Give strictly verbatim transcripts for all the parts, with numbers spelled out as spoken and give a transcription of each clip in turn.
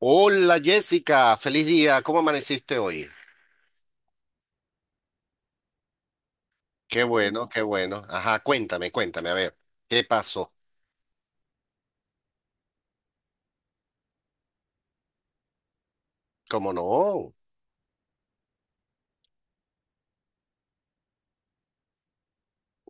Hola Jessica, feliz día, ¿cómo amaneciste hoy? Qué bueno, qué bueno. Ajá, cuéntame, cuéntame, a ver, ¿qué pasó? ¿Cómo no?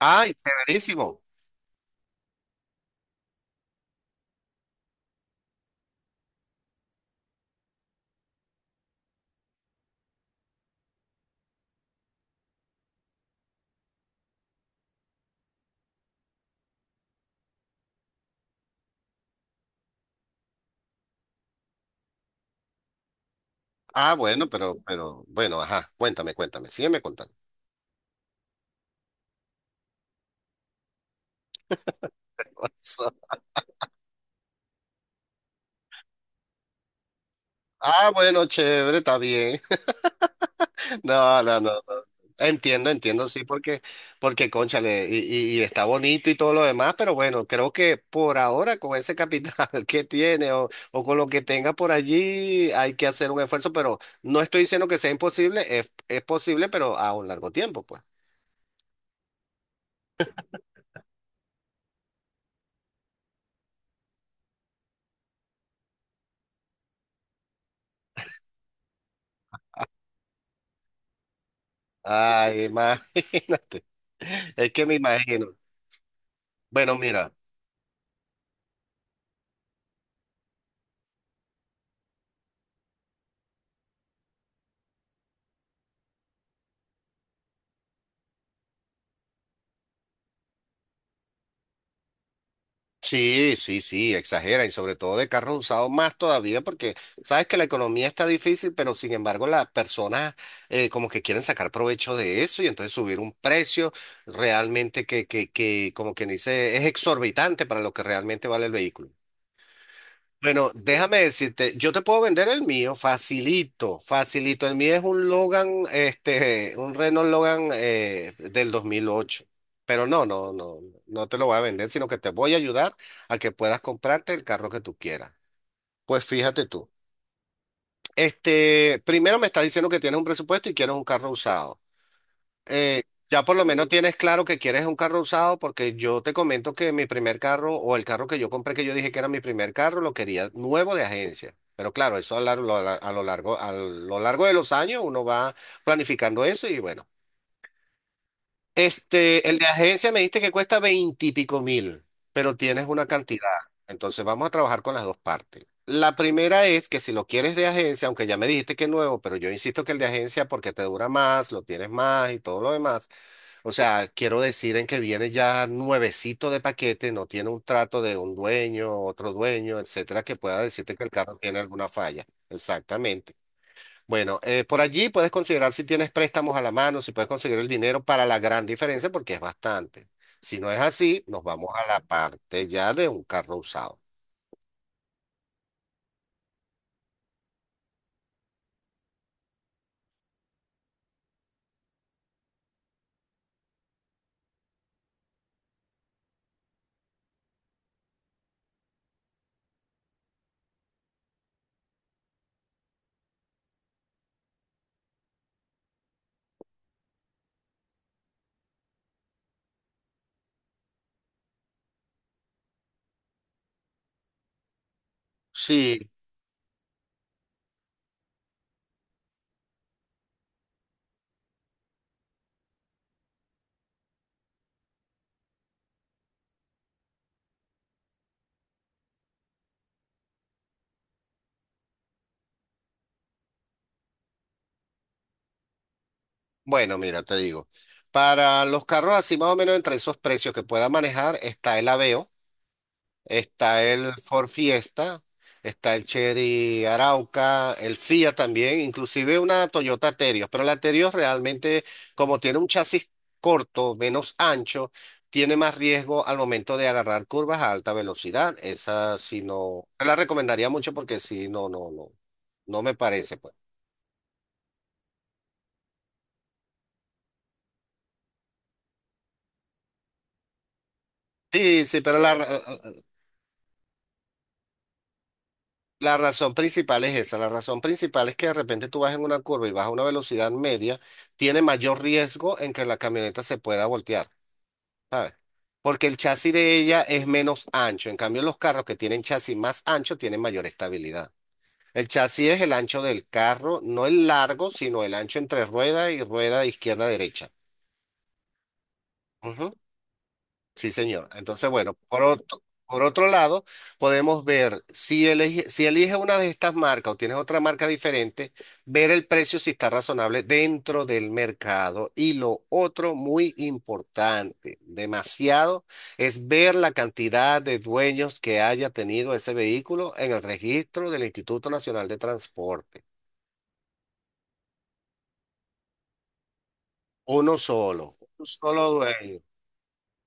Ay, severísimo. Ah, bueno, pero, pero, bueno, ajá, cuéntame, cuéntame, sígueme contando. Ah, bueno, chévere, está bien. No, no, no, no. Entiendo, entiendo, sí, porque, porque, cónchale, y, y- y está bonito y todo lo demás, pero bueno, creo que por ahora con ese capital que tiene o, o con lo que tenga por allí hay que hacer un esfuerzo, pero no estoy diciendo que sea imposible, es, es posible, pero a un largo tiempo, pues. Ay, imagínate, es que me imagino. Bueno, mira. Sí, sí, sí, exagera y sobre todo de carros usados más todavía porque sabes que la economía está difícil, pero sin embargo las personas eh, como que quieren sacar provecho de eso y entonces subir un precio realmente que, que, que como quien dice es exorbitante para lo que realmente vale el vehículo. Bueno, déjame decirte, yo te puedo vender el mío, facilito, facilito. El mío es un Logan, este, un Renault Logan eh, del dos mil ocho. Pero no, no, no, no te lo voy a vender, sino que te voy a ayudar a que puedas comprarte el carro que tú quieras. Pues fíjate tú, este, primero me estás diciendo que tienes un presupuesto y quieres un carro usado eh, ya por lo menos tienes claro que quieres un carro usado porque yo te comento que mi primer carro o el carro que yo compré que yo dije que era mi primer carro lo quería nuevo de agencia. Pero claro, eso a lar- lo- a lo largo, a lo largo de los años uno va planificando eso y bueno. Este, el de agencia me dijiste que cuesta veintipico mil, pero tienes una cantidad. Entonces vamos a trabajar con las dos partes. La primera es que si lo quieres de agencia, aunque ya me dijiste que es nuevo, pero yo insisto que el de agencia porque te dura más, lo tienes más y todo lo demás. O sea, quiero decir en que viene ya nuevecito de paquete, no tiene un trato de un dueño, otro dueño, etcétera, que pueda decirte que el carro tiene alguna falla. Exactamente. Bueno, eh, por allí puedes considerar si tienes préstamos a la mano, si puedes conseguir el dinero para la gran diferencia, porque es bastante. Si no es así, nos vamos a la parte ya de un carro usado. Sí, bueno, mira, te digo, para los carros así más o menos entre esos precios que pueda manejar está el Aveo. Está el Ford Fiesta, está el Chery Arauca, el Fiat también, inclusive una Toyota Terios, pero la Terios realmente, como tiene un chasis corto, menos ancho, tiene más riesgo al momento de agarrar curvas a alta velocidad. Esa sí no, no la recomendaría mucho porque sí, no, no, no, no me parece, pues. Sí, sí, pero la, La razón principal es esa, la razón principal es que de repente tú vas en una curva y vas a una velocidad media, tiene mayor riesgo en que la camioneta se pueda voltear, ¿sabes? Porque el chasis de ella es menos ancho, en cambio los carros que tienen chasis más ancho tienen mayor estabilidad. El chasis es el ancho del carro, no el largo, sino el ancho entre rueda y rueda izquierda-derecha. Sí, señor. Entonces, bueno, por otro, por otro lado, podemos ver si elige, si eliges una de estas marcas o tienes otra marca diferente, ver el precio si está razonable dentro del mercado. Y lo otro muy importante, demasiado, es ver la cantidad de dueños que haya tenido ese vehículo en el registro del Instituto Nacional de Transporte. Uno solo, un solo dueño.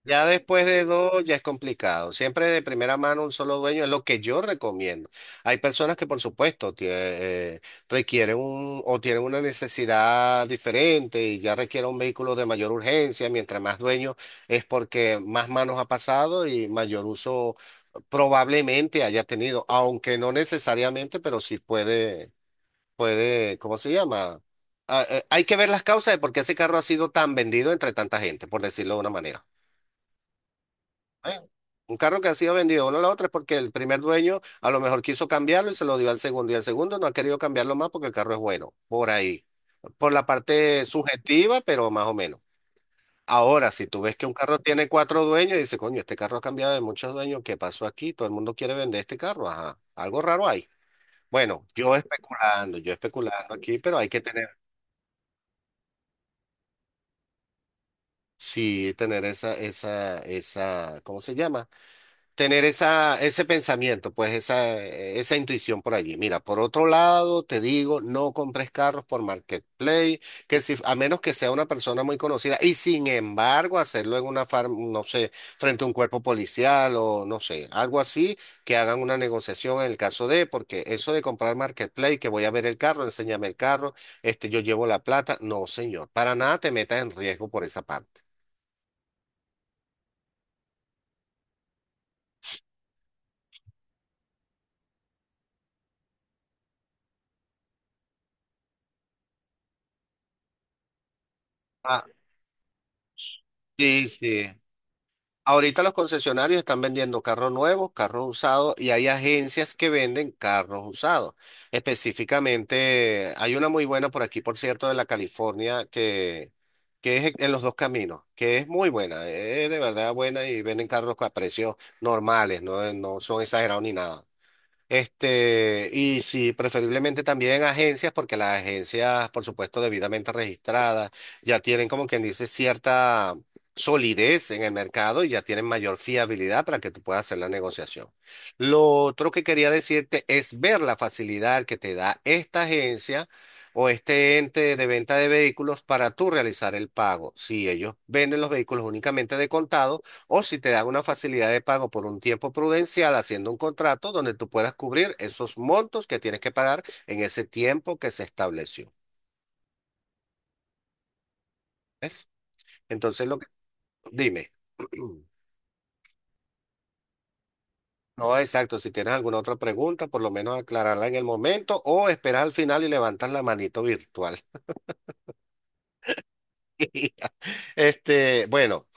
Ya después de dos ya es complicado. Siempre de primera mano un solo dueño es lo que yo recomiendo. Hay personas que por supuesto tie- eh, requieren un o tienen una necesidad diferente y ya requieren un vehículo de mayor urgencia. Mientras más dueños es porque más manos ha pasado y mayor uso probablemente haya tenido, aunque no necesariamente, pero sí puede, puede, ¿cómo se llama? Ah, eh, hay que ver las causas de por qué ese carro ha sido tan vendido entre tanta gente, por decirlo de una manera. ¿Eh? Un carro que ha sido vendido uno a la otra es porque el primer dueño a lo mejor quiso cambiarlo y se lo dio al segundo y el segundo no ha querido cambiarlo más porque el carro es bueno, por ahí. Por la parte subjetiva, pero más o menos. Ahora, si tú ves que un carro tiene cuatro dueños y dices, coño, este carro ha cambiado de muchos dueños, ¿qué pasó aquí? Todo el mundo quiere vender este carro, ajá. Algo raro hay. Bueno, yo especulando, yo especulando aquí, pero hay que tener, sí, tener esa, esa, esa, ¿cómo se llama? Tener esa, ese pensamiento, pues esa, esa intuición por allí. Mira, por otro lado, te digo, no compres carros por Marketplace, que si, a menos que sea una persona muy conocida, y sin embargo, hacerlo en una farm, no sé, frente a un cuerpo policial o no sé, algo así, que hagan una negociación en el caso de, porque eso de comprar Marketplace, que voy a ver el carro, enséñame el carro, este, yo llevo la plata, no, señor, para nada te metas en riesgo por esa parte. Ah, sí, sí. Ahorita los concesionarios están vendiendo carros nuevos, carros usados y hay agencias que venden carros usados. Específicamente, hay una muy buena por aquí, por cierto, de la California, que, que es en en los dos caminos, que es muy buena, es de verdad buena y venden carros a precios normales, no, no son exagerados ni nada. Este, y sí, preferiblemente también agencias, porque las agencias, por supuesto, debidamente registradas, ya tienen como quien dice cierta solidez en el mercado y ya tienen mayor fiabilidad para que tú puedas hacer la negociación. Lo otro que quería decirte es ver la facilidad que te da esta agencia o este ente de venta de vehículos para tú realizar el pago. Si ellos venden los vehículos únicamente de contado, o si te dan una facilidad de pago por un tiempo prudencial haciendo un contrato donde tú puedas cubrir esos montos que tienes que pagar en ese tiempo que se estableció. ¿Ves? Entonces, lo que, dime. No, exacto. Si tienes alguna otra pregunta, por lo menos aclararla en el momento o esperar al final y levantas la manito virtual. Este, bueno.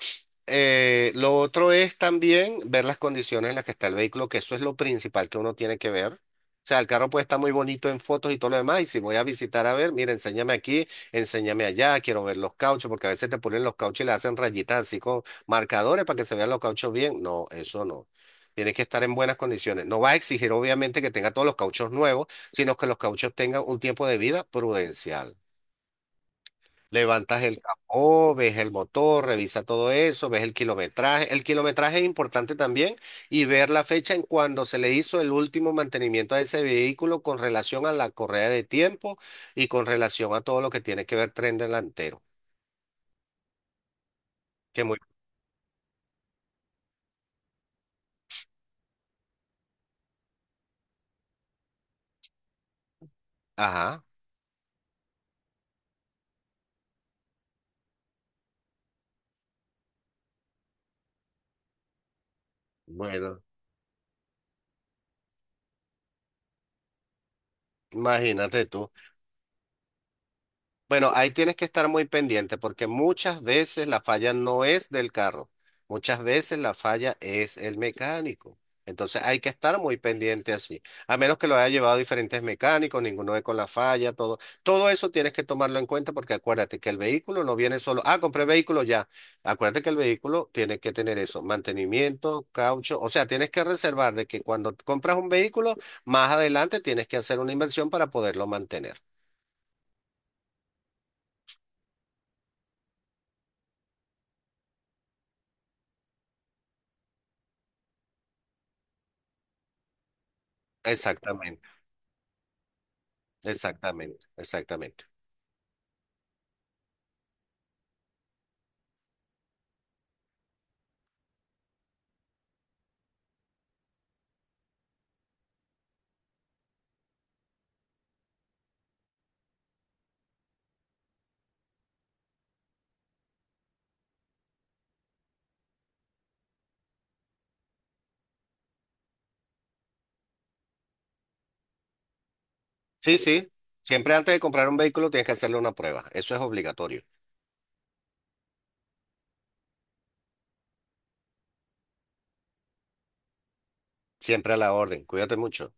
Eh, lo otro es también ver las condiciones en las que está el vehículo, que eso es lo principal que uno tiene que ver. O sea, el carro puede estar muy bonito en fotos y todo lo demás, y si voy a visitar a ver, mira, enséñame aquí, enséñame allá, quiero ver los cauchos, porque a veces te ponen los cauchos y le hacen rayitas así con marcadores para que se vean los cauchos bien. No, eso no. Tiene que estar en buenas condiciones. No va a exigir, obviamente, que tenga todos los cauchos nuevos, sino que los cauchos tengan un tiempo de vida prudencial. Levantas el capó, ves el motor, revisa todo eso, ves el kilometraje. El kilometraje es importante también y ver la fecha en cuando se le hizo el último mantenimiento a ese vehículo con relación a la correa de tiempo y con relación a todo lo que tiene que ver tren delantero. Que muy... Ajá, bueno, imagínate tú. Bueno, ahí tienes que estar muy pendiente porque muchas veces la falla no es del carro, muchas veces la falla es el mecánico. Entonces hay que estar muy pendiente así. A menos que lo haya llevado diferentes mecánicos, ninguno ve con la falla, todo. Todo eso tienes que tomarlo en cuenta porque acuérdate que el vehículo no viene solo. Ah, compré vehículo ya. Acuérdate que el vehículo tiene que tener eso, mantenimiento, caucho. O sea, tienes que reservar de que cuando compras un vehículo, más adelante tienes que hacer una inversión para poderlo mantener. Exactamente. Exactamente, exactamente. Sí, sí. Siempre antes de comprar un vehículo tienes que hacerle una prueba. Eso es obligatorio. Siempre a la orden. Cuídate mucho.